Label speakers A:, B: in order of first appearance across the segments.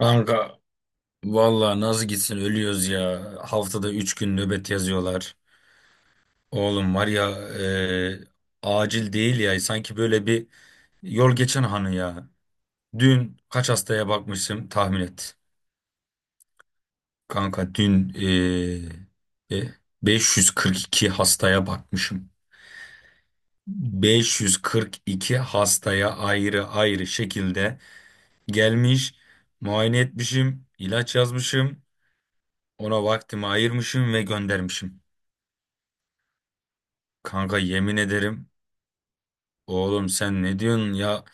A: Kanka valla nasıl gitsin ölüyoruz ya. Haftada 3 gün nöbet yazıyorlar. Oğlum var ya acil değil ya. Sanki böyle bir yol geçen hanı ya. Dün kaç hastaya bakmışım tahmin et. Kanka dün e, e, 542 hastaya bakmışım. 542 hastaya ayrı ayrı şekilde gelmiş, muayene etmişim, ilaç yazmışım, ona vaktimi ayırmışım ve göndermişim. Kanka yemin ederim. Oğlum sen ne diyorsun ya?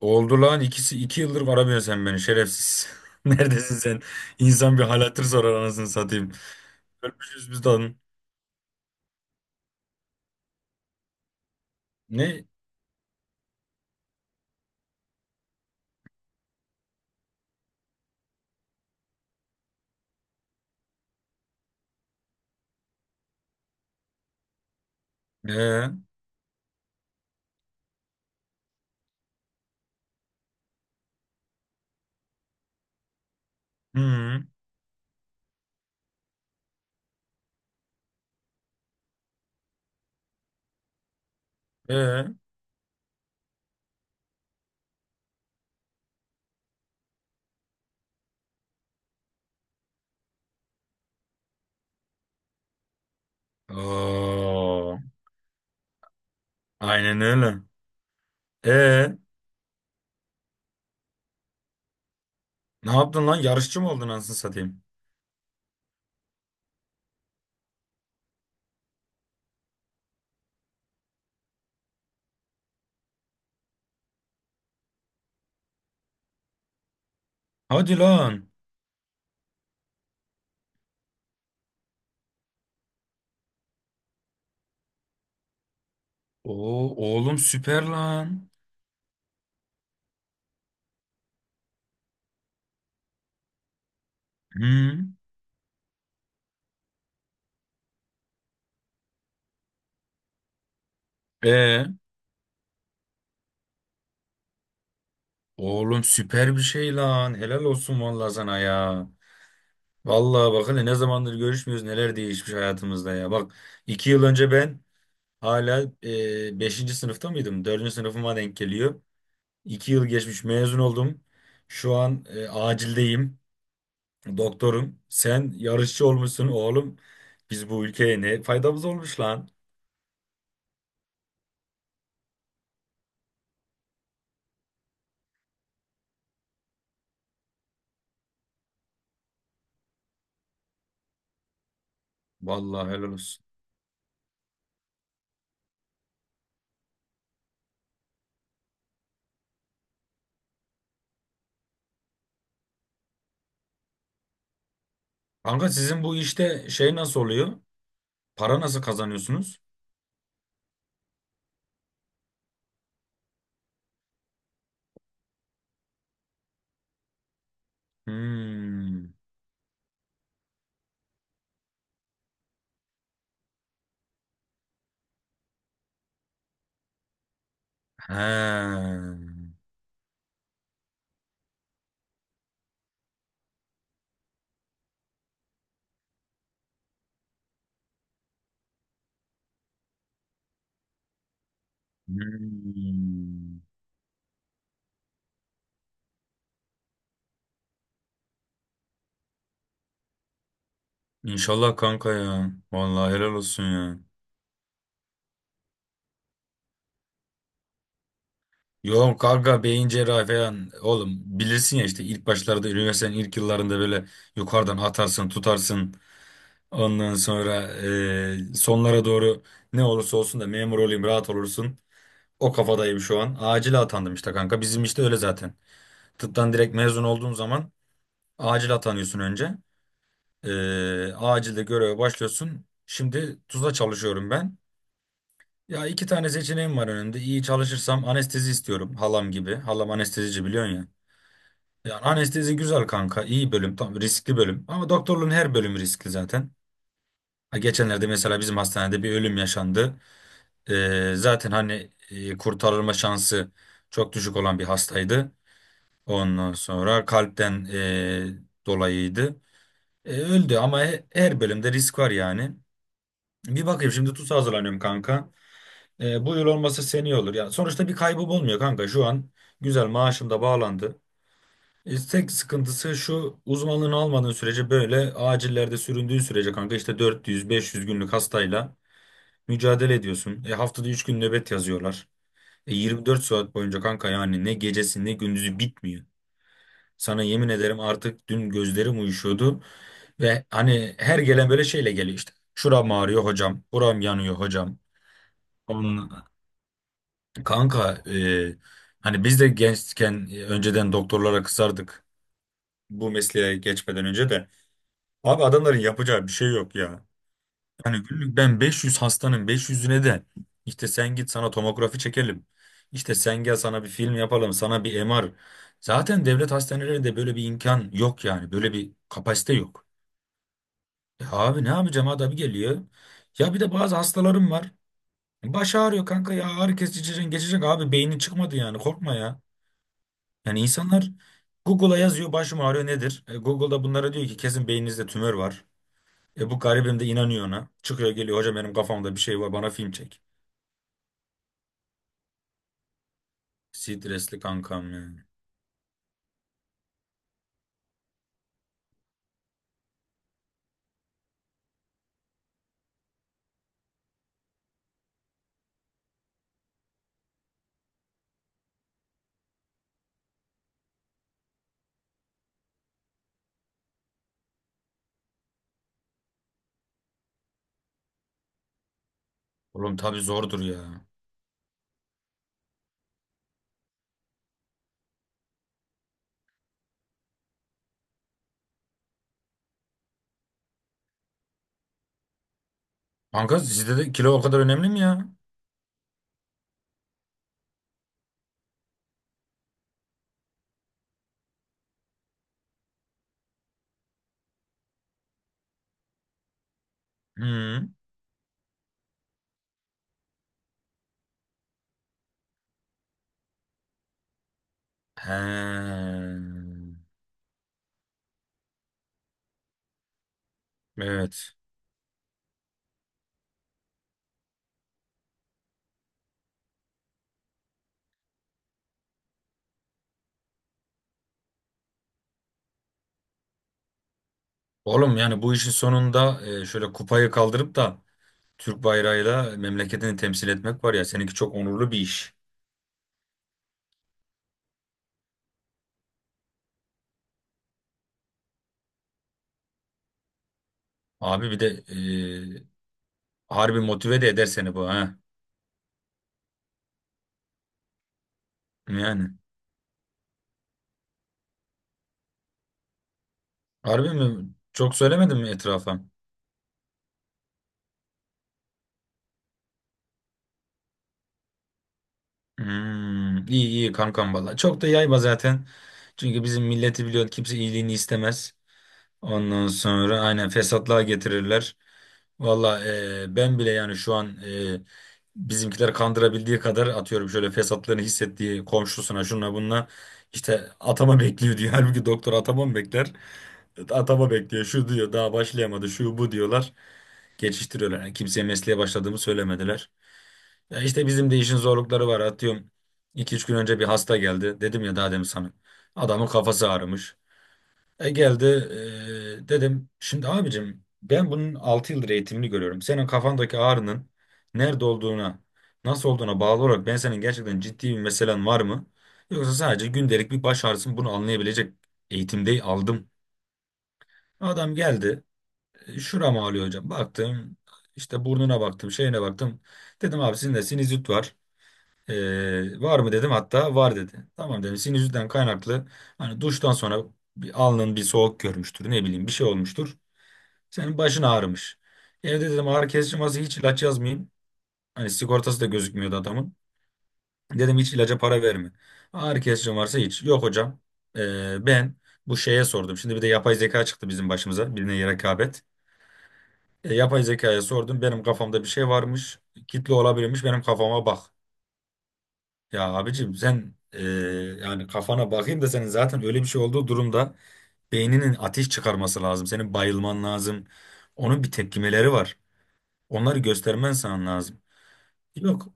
A: Oldu lan ikisi iki yıldır aramıyorsun sen beni şerefsiz. Neredesin sen? İnsan bir hal hatır sorar anasını satayım. Ölmüşüz biz lan. Ne? Ee. Hı. Ee. Oo, aynen öyle. Ee, ne yaptın lan? Yarışçı mı oldun anasını satayım? Hadi lan. Oo, oğlum süper lan. Hı, ee, oğlum süper bir şey lan. Helal olsun vallahi sana ya. Vallahi bakın ne zamandır görüşmüyoruz neler değişmiş hayatımızda ya. Bak 2 yıl önce ben hala beşinci sınıfta mıydım? Dördüncü sınıfıma denk geliyor. 2 yıl geçmiş mezun oldum. Şu an acildeyim. Doktorum. Sen yarışçı olmuşsun oğlum. Biz bu ülkeye ne faydamız olmuş lan. Vallahi helal olsun. Kanka sizin bu işte şey nasıl oluyor? Para nasıl kazanıyorsunuz? Hmm. Ha. Hmm. İnşallah kanka ya. Vallahi helal olsun ya. Yok kanka beyin cerrahi falan. Oğlum bilirsin ya işte ilk başlarda üniversitenin ilk yıllarında böyle yukarıdan atarsın tutarsın. Ondan sonra sonlara doğru ne olursa olsun da memur olayım rahat olursun. O kafadayım şu an. Acil atandım işte kanka. Bizim işte öyle zaten. Tıptan direkt mezun olduğun zaman acil atanıyorsun önce. Acilde göreve başlıyorsun. Şimdi Tuzla çalışıyorum ben. Ya iki tane seçeneğim var önümde. İyi çalışırsam anestezi istiyorum halam gibi. Halam anestezici biliyorsun ya. Yani anestezi güzel kanka. İyi bölüm. Tam riskli bölüm. Ama doktorluğun her bölümü riskli zaten. Ha, geçenlerde mesela bizim hastanede bir ölüm yaşandı. Zaten hani kurtarılma şansı çok düşük olan bir hastaydı. Ondan sonra kalpten dolayıydı. Öldü ama her bölümde risk var yani. Bir bakayım şimdi TUS'a hazırlanıyorum kanka. Bu yıl olmasa seneye olur. Yani sonuçta bir kaybım olmuyor kanka. Şu an güzel maaşım da bağlandı. Tek sıkıntısı şu uzmanlığını almadığın sürece böyle acillerde süründüğün sürece kanka işte 400-500 günlük hastayla mücadele ediyorsun. Haftada 3 gün nöbet yazıyorlar. 24 saat boyunca kanka yani ne gecesi ne gündüzü bitmiyor. Sana yemin ederim artık dün gözlerim uyuşuyordu. Ve hani her gelen böyle şeyle geliyor işte. Şuram ağrıyor hocam. Buram yanıyor hocam. Kanka hani biz de gençken önceden doktorlara kızardık bu mesleğe geçmeden önce de. Abi adamların yapacağı bir şey yok ya. Yani günlük ben 500 hastanın 500'üne de işte sen git sana tomografi çekelim. İşte sen gel sana bir film yapalım sana bir MR. Zaten devlet hastanelerinde böyle bir imkan yok yani böyle bir kapasite yok. Abi ne yapacağım adam geliyor. Ya bir de bazı hastalarım var. Baş ağrıyor kanka ya ağrı kesici içeceksin, geçecek abi beynin çıkmadı yani korkma ya. Yani insanlar Google'a yazıyor başım ağrıyor nedir? Google'da bunlara diyor ki kesin beyninizde tümör var. Bu garibim de inanıyor ona. Çıkıyor geliyor hocam benim kafamda bir şey var bana film çek. Stresli kankam ya. Oğlum tabii zordur ya. Kanka sizde de kilo o kadar önemli mi ya? Hı. He. Evet. Oğlum yani bu işin sonunda şöyle kupayı kaldırıp da Türk bayrağıyla memleketini temsil etmek var ya. Seninki çok onurlu bir iş. Abi bir de e, harbi motive de eder seni bu ha. Yani. Harbi mi? Çok söylemedim mi etrafa? İyi iyi kankam valla. Çok da yayma zaten. Çünkü bizim milleti biliyorsun kimse iyiliğini istemez. Ondan sonra aynen fesatlığa getirirler. Valla ben bile yani şu an bizimkiler kandırabildiği kadar atıyorum şöyle fesatlığını hissettiği komşusuna şuna bununla işte atama bekliyor diyor. Halbuki doktor atama mı bekler? Atama bekliyor şu diyor daha başlayamadı şu bu diyorlar. Geçiştiriyorlar. Yani kimseye mesleğe başladığımı söylemediler. Ya işte bizim de işin zorlukları var. Atıyorum iki üç gün önce bir hasta geldi. Dedim ya daha demin sana. Adamın kafası ağrımış. Geldi dedim şimdi abicim ben bunun 6 yıldır eğitimini görüyorum. Senin kafandaki ağrının nerede olduğuna nasıl olduğuna bağlı olarak ben senin gerçekten ciddi bir meselen var mı? Yoksa sadece gündelik bir baş ağrısı mı? Bunu anlayabilecek eğitimde aldım. Adam geldi şuram ağrıyor hocam baktım işte burnuna baktım şeyine baktım. Dedim abi sizin de sinüzit var. Var mı dedim hatta var dedi. Tamam dedim sinüzitten kaynaklı hani duştan sonra bir alnın bir soğuk görmüştür ne bileyim bir şey olmuştur. Senin başın ağrımış. Evde dedim ağrı kesici masası hiç ilaç yazmayayım. Hani sigortası da gözükmüyordu adamın. Dedim hiç ilaca para verme. Ağrı kesici varsa hiç. Yok hocam ben bu şeye sordum. Şimdi bir de yapay zeka çıktı bizim başımıza birine rekabet. Yapay zekaya sordum benim kafamda bir şey varmış. Kitle olabilirmiş benim kafama bak. Ya abicim sen yani kafana bakayım da senin zaten öyle bir şey olduğu durumda beyninin ateş çıkarması lazım. Senin bayılman lazım. Onun bir tepkimeleri var. Onları göstermen sana lazım. Yok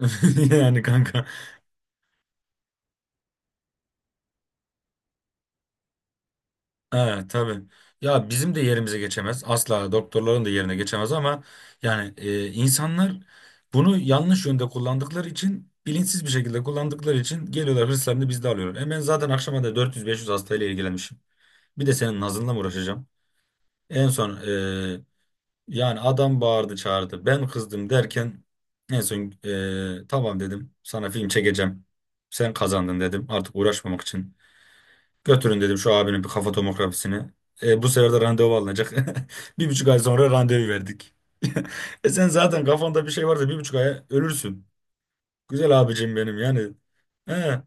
A: yani kanka. Ha, tabii. Ya bizim de yerimize geçemez. Asla doktorların da yerine geçemez ama yani insanlar bunu yanlış yönde kullandıkları için bilinçsiz bir şekilde kullandıkları için geliyorlar hırslarını bizde alıyorlar. Ben zaten akşama da 400-500 hastayla ilgilenmişim. Bir de senin nazınla mı uğraşacağım? En son yani adam bağırdı çağırdı. Ben kızdım derken en son tamam dedim. Sana film çekeceğim. Sen kazandın dedim. Artık uğraşmamak için. Götürün dedim şu abinin bir kafa tomografisini. Bu sefer de randevu alınacak. 1,5 ay sonra randevu verdik. Sen zaten kafanda bir şey varsa 1,5 aya ölürsün. Güzel abicim benim yani. He.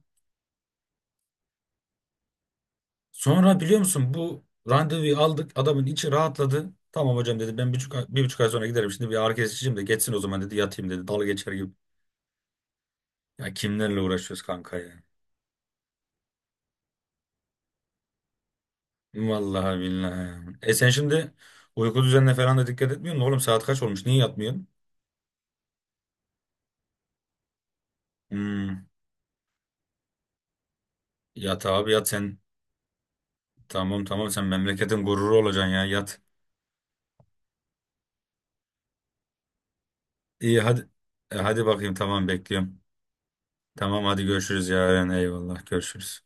A: Sonra biliyor musun bu randevuyu aldık. Adamın içi rahatladı. Tamam hocam dedi ben 1,5 ay sonra giderim. Şimdi bir ağrı kesiciyim de geçsin o zaman dedi yatayım dedi. Dalga geçer gibi. Ya kimlerle uğraşıyoruz kanka ya. Vallahi billahi. Ya. Sen şimdi uyku düzenine falan da dikkat etmiyor musun? Oğlum saat kaç olmuş? Niye yatmıyorsun? Hmm, Yat abi yat sen. Tamam tamam sen memleketin gururu olacaksın ya yat. İyi hadi. Hadi bakayım tamam bekliyorum. Tamam hadi görüşürüz yarın eyvallah görüşürüz.